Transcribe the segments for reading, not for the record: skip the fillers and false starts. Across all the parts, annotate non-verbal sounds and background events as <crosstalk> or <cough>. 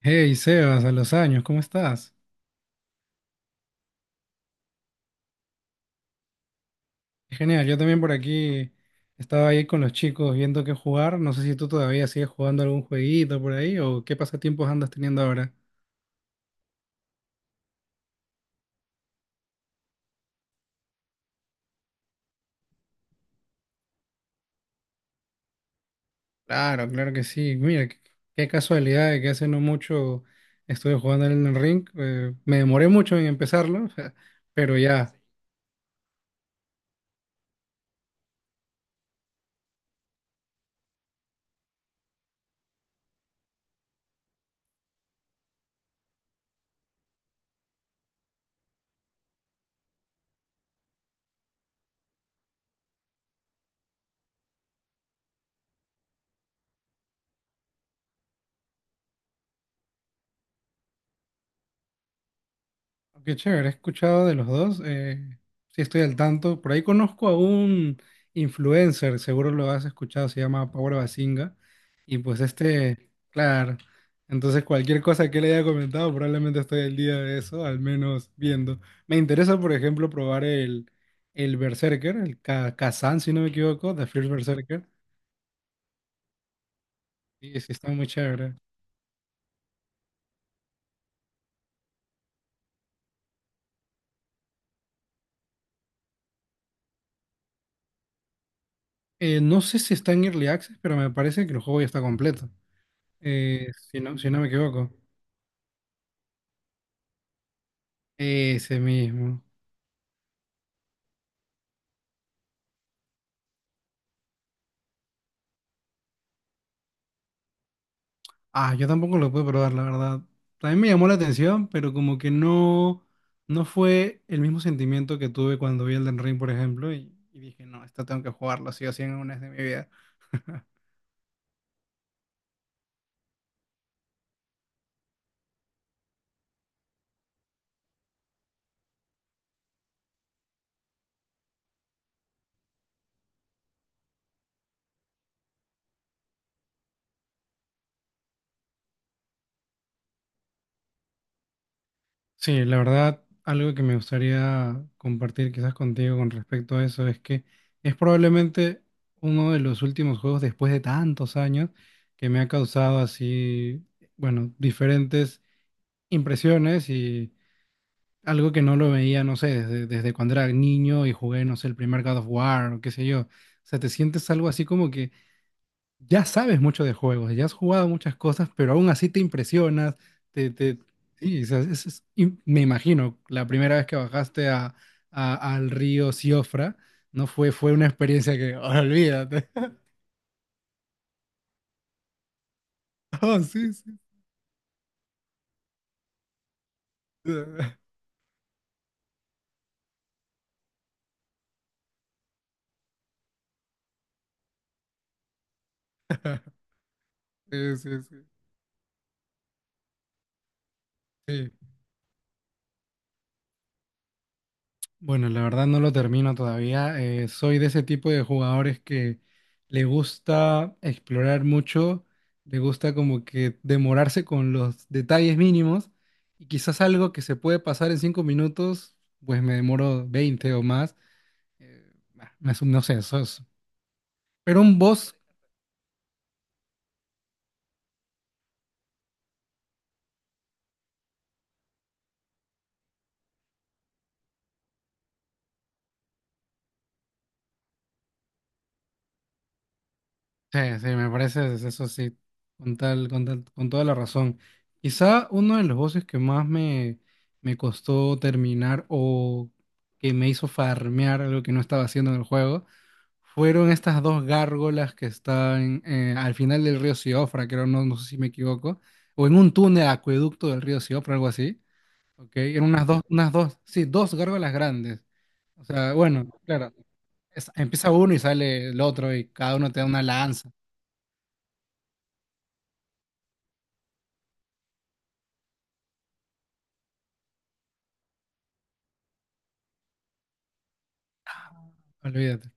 Hey Sebas, a los años, ¿cómo estás? Genial, yo también por aquí estaba ahí con los chicos viendo qué jugar. No sé si tú todavía sigues jugando algún jueguito por ahí o qué pasatiempos andas teniendo ahora. Claro, claro que sí. Mira, qué casualidad de que hace no mucho estuve jugando en el ring. Me demoré mucho en empezarlo. <laughs> Pero ya. Qué chévere, he escuchado de los dos. Sí, estoy al tanto. Por ahí conozco a un influencer, seguro lo has escuchado, se llama Power Basinga. Y pues claro. Entonces, cualquier cosa que le haya comentado, probablemente estoy al día de eso, al menos viendo. Me interesa, por ejemplo, probar el Berserker, el Kazan, si no me equivoco, The First Berserker. Sí, sí, está muy chévere. No sé si está en Early Access, pero me parece que el juego ya está completo. Si no, si no me equivoco. Ese mismo. Ah, yo tampoco lo pude probar, la verdad. También me llamó la atención, pero como que no, no fue el mismo sentimiento que tuve cuando vi Elden Ring, por ejemplo, y dije, no, esta tengo que jugarlo, sí o sí, en una vez de mi vida. Sí, la verdad, algo que me gustaría compartir quizás contigo con respecto a eso es que es probablemente uno de los últimos juegos después de tantos años que me ha causado así, bueno, diferentes impresiones y algo que no lo veía, no sé, desde cuando era niño y jugué, no sé, el primer God of War o qué sé yo. O sea, te sientes algo así como que ya sabes mucho de juegos, ya has jugado muchas cosas, pero aún así te impresionas. Te, te, sí, o sea, y me imagino, la primera vez que bajaste al río Siofra, no fue, fue una experiencia que, "Oh, olvídate". <laughs> Oh, sí, sí. <laughs> Sí, sí, sí. Sí. Bueno, la verdad no lo termino todavía. Soy de ese tipo de jugadores que le gusta explorar mucho, le gusta como que demorarse con los detalles mínimos y quizás algo que se puede pasar en 5 minutos, pues me demoro 20 o más. No sé, pero un boss. Sí, sí, me parece eso sí, con toda la razón. Quizá uno de los voces que más me costó terminar o que me hizo farmear algo que no estaba haciendo en el juego fueron estas dos gárgolas que están al final del río Siofra, creo, no, no sé si me equivoco, o en un túnel acueducto del río Siofra, algo así. ¿Ok? Eran unas dos, sí, dos gárgolas grandes. O sea, bueno, claro, empieza uno y sale el otro y cada uno te da una lanza, olvídate.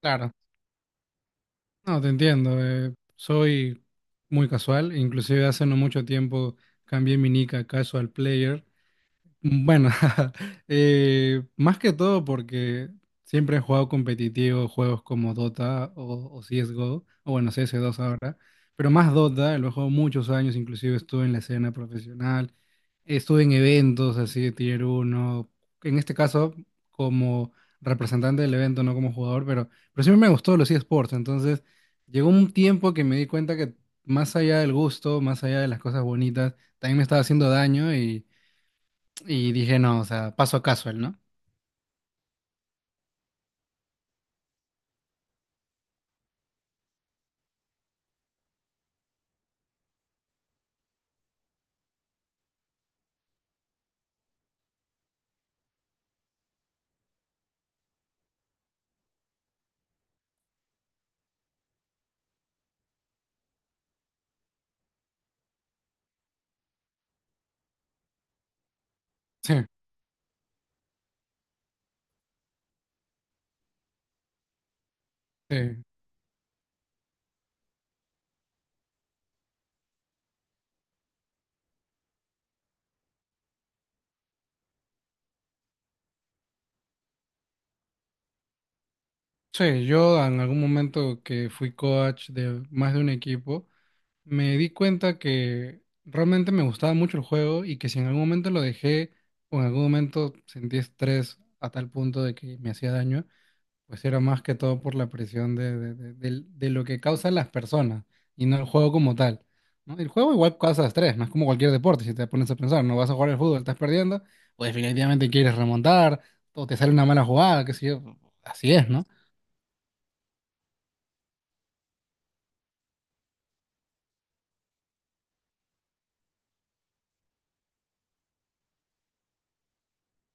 Claro, no, te entiendo. Soy muy casual, inclusive hace no mucho tiempo cambié mi nick a casual player. Bueno. <laughs> Más que todo porque siempre he jugado competitivo, juegos como Dota o CSGO, o bueno, CS2 ahora, pero más Dota, lo he jugado muchos años, inclusive estuve en la escena profesional, estuve en eventos así de Tier uno, en este caso como representante del evento, no como jugador, pero siempre me gustó los eSports, entonces llegó un tiempo que me di cuenta que más allá del gusto, más allá de las cosas bonitas, también me estaba haciendo daño y dije, no, o sea, paso a casual, ¿no? Sí, sí. Sí, yo en algún momento que fui coach de más de un equipo, me di cuenta que realmente me gustaba mucho el juego y que si en algún momento lo dejé o en algún momento sentí estrés a tal punto de que me hacía daño, pues era más que todo por la presión de lo que causan las personas y no el juego como tal, ¿no? El juego igual causa estrés, no es como cualquier deporte, si te pones a pensar, no vas a jugar al fútbol, estás perdiendo, pues definitivamente quieres remontar, o te sale una mala jugada, qué sé yo, así es, ¿no?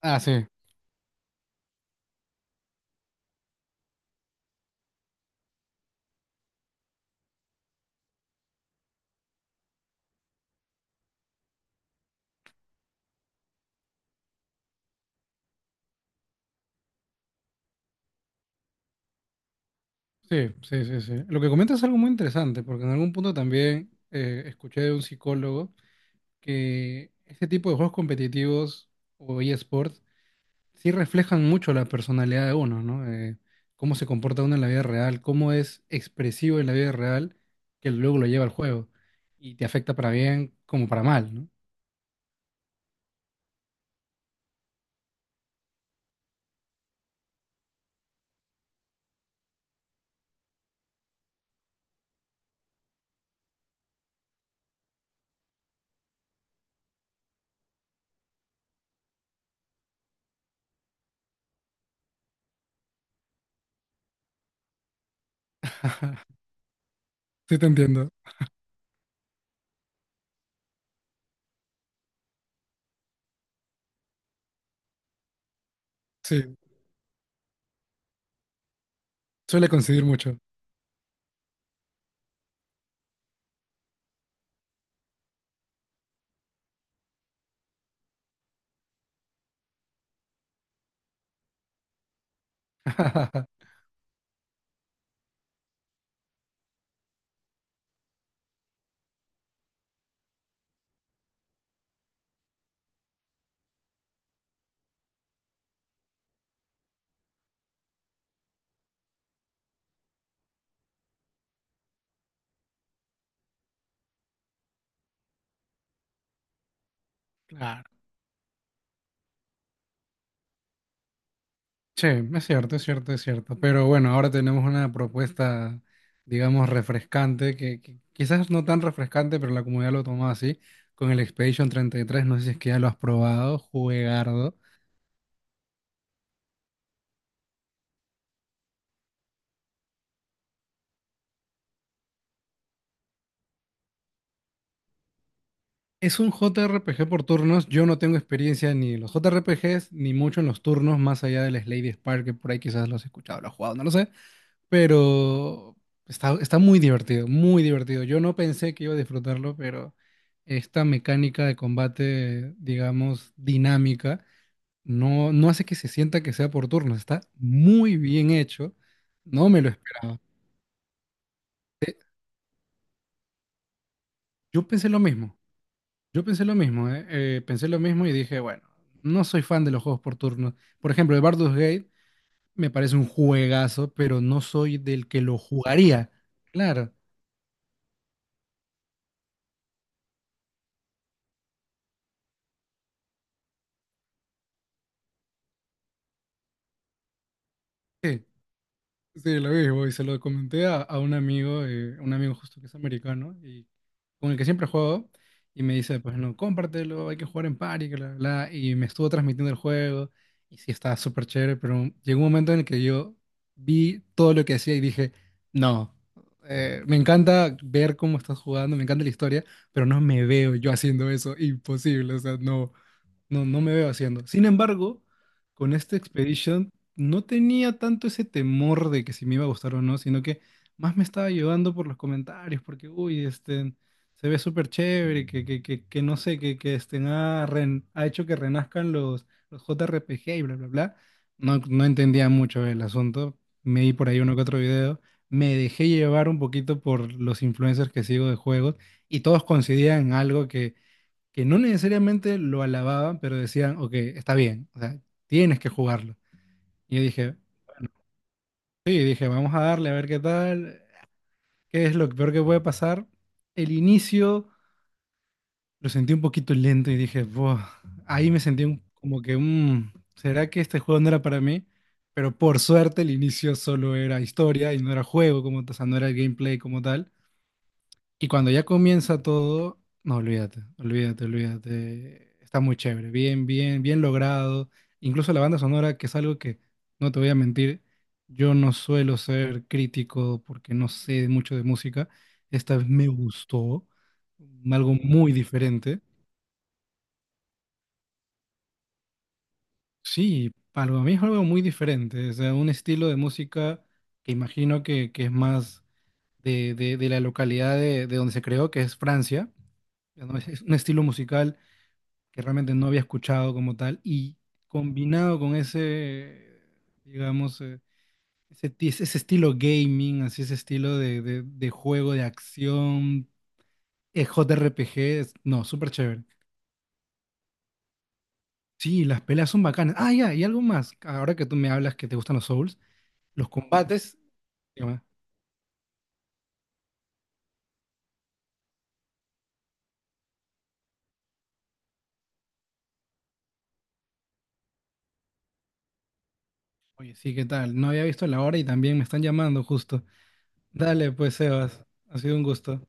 Ah, sí, sí, sí, sí, sí. Lo que comentas es algo muy interesante, porque en algún punto también escuché de un psicólogo que este tipo de juegos competitivos o eSports sí reflejan mucho la personalidad de uno, ¿no? Cómo se comporta uno en la vida real, cómo es expresivo en la vida real, que luego lo lleva al juego. Y te afecta para bien como para mal, ¿no? <laughs> Sí, te entiendo. Sí, suele coincidir mucho. <laughs> Claro. Che, es cierto, es cierto, es cierto. Pero bueno, ahora tenemos una propuesta, digamos, refrescante, que quizás no tan refrescante, pero la comunidad lo tomó así, con el Expedition 33. No sé si es que ya lo has probado, juegardo. Es un JRPG por turnos. Yo no tengo experiencia ni en los JRPGs, ni mucho en los turnos, más allá del Slade Spire, que por ahí quizás los he escuchado, los he jugado, no lo sé. Pero está muy divertido, muy divertido. Yo no pensé que iba a disfrutarlo, pero esta mecánica de combate, digamos, dinámica, no, no hace que se sienta que sea por turnos. Está muy bien hecho. No me lo esperaba. Yo pensé lo mismo. Yo pensé lo mismo, ¿eh? Pensé lo mismo y dije, bueno, no soy fan de los juegos por turnos. Por ejemplo, el Baldur's Gate me parece un juegazo, pero no soy del que lo jugaría. Claro. Sí. Sí, lo mismo, y se lo comenté a un amigo justo que es americano, y con el que siempre juego, y me dice, pues no, cómpratelo, hay que jugar en party, que bla, bla, bla, y me estuvo transmitiendo el juego, y sí, estaba súper chévere, pero llegó un momento en el que yo vi todo lo que hacía y dije, no, me encanta ver cómo estás jugando, me encanta la historia, pero no me veo yo haciendo eso, imposible, o sea, no. No, no me veo haciendo. Sin embargo, con este Expedition no tenía tanto ese temor de que si me iba a gustar o no, sino que más me estaba llevando por los comentarios, porque, uy, este, se ve súper chévere, que no sé, que este, ha hecho que renazcan los JRPG y bla, bla, bla. No, no entendía mucho el asunto. Me di por ahí uno que otro video. Me dejé llevar un poquito por los influencers que sigo de juegos y todos coincidían en algo que no necesariamente lo alababan, pero decían, ok, está bien, o sea, tienes que jugarlo. Y yo dije, sí, dije, vamos a darle a ver qué tal, qué es lo peor que puede pasar. El inicio lo sentí un poquito lento y dije, "Buah". Ahí me sentí como que, "Mm, ¿será que este juego no era para mí?" Pero por suerte el inicio solo era historia y no era juego, como, o sea, no era el gameplay como tal. Y cuando ya comienza todo, no, olvídate, olvídate, olvídate. Está muy chévere, bien, bien, bien logrado. Incluso la banda sonora, que es algo que, no te voy a mentir, yo no suelo ser crítico porque no sé mucho de música. Esta vez me gustó, algo muy diferente. Sí, para mí es algo muy diferente, o sea, un estilo de música que imagino que es más de la localidad de donde se creó, que es Francia. ¿No? Es un estilo musical que realmente no había escuchado como tal, y combinado con ese, digamos, ese estilo gaming, así ese estilo de juego de acción, JRPG, no, súper chévere. Sí, las peleas son bacanas. Ah, ya, y algo más, ahora que tú me hablas que te gustan los Souls, los combates, ya, oye, sí, ¿qué tal? No había visto la hora y también me están llamando justo. Dale, pues, Sebas, ha sido un gusto.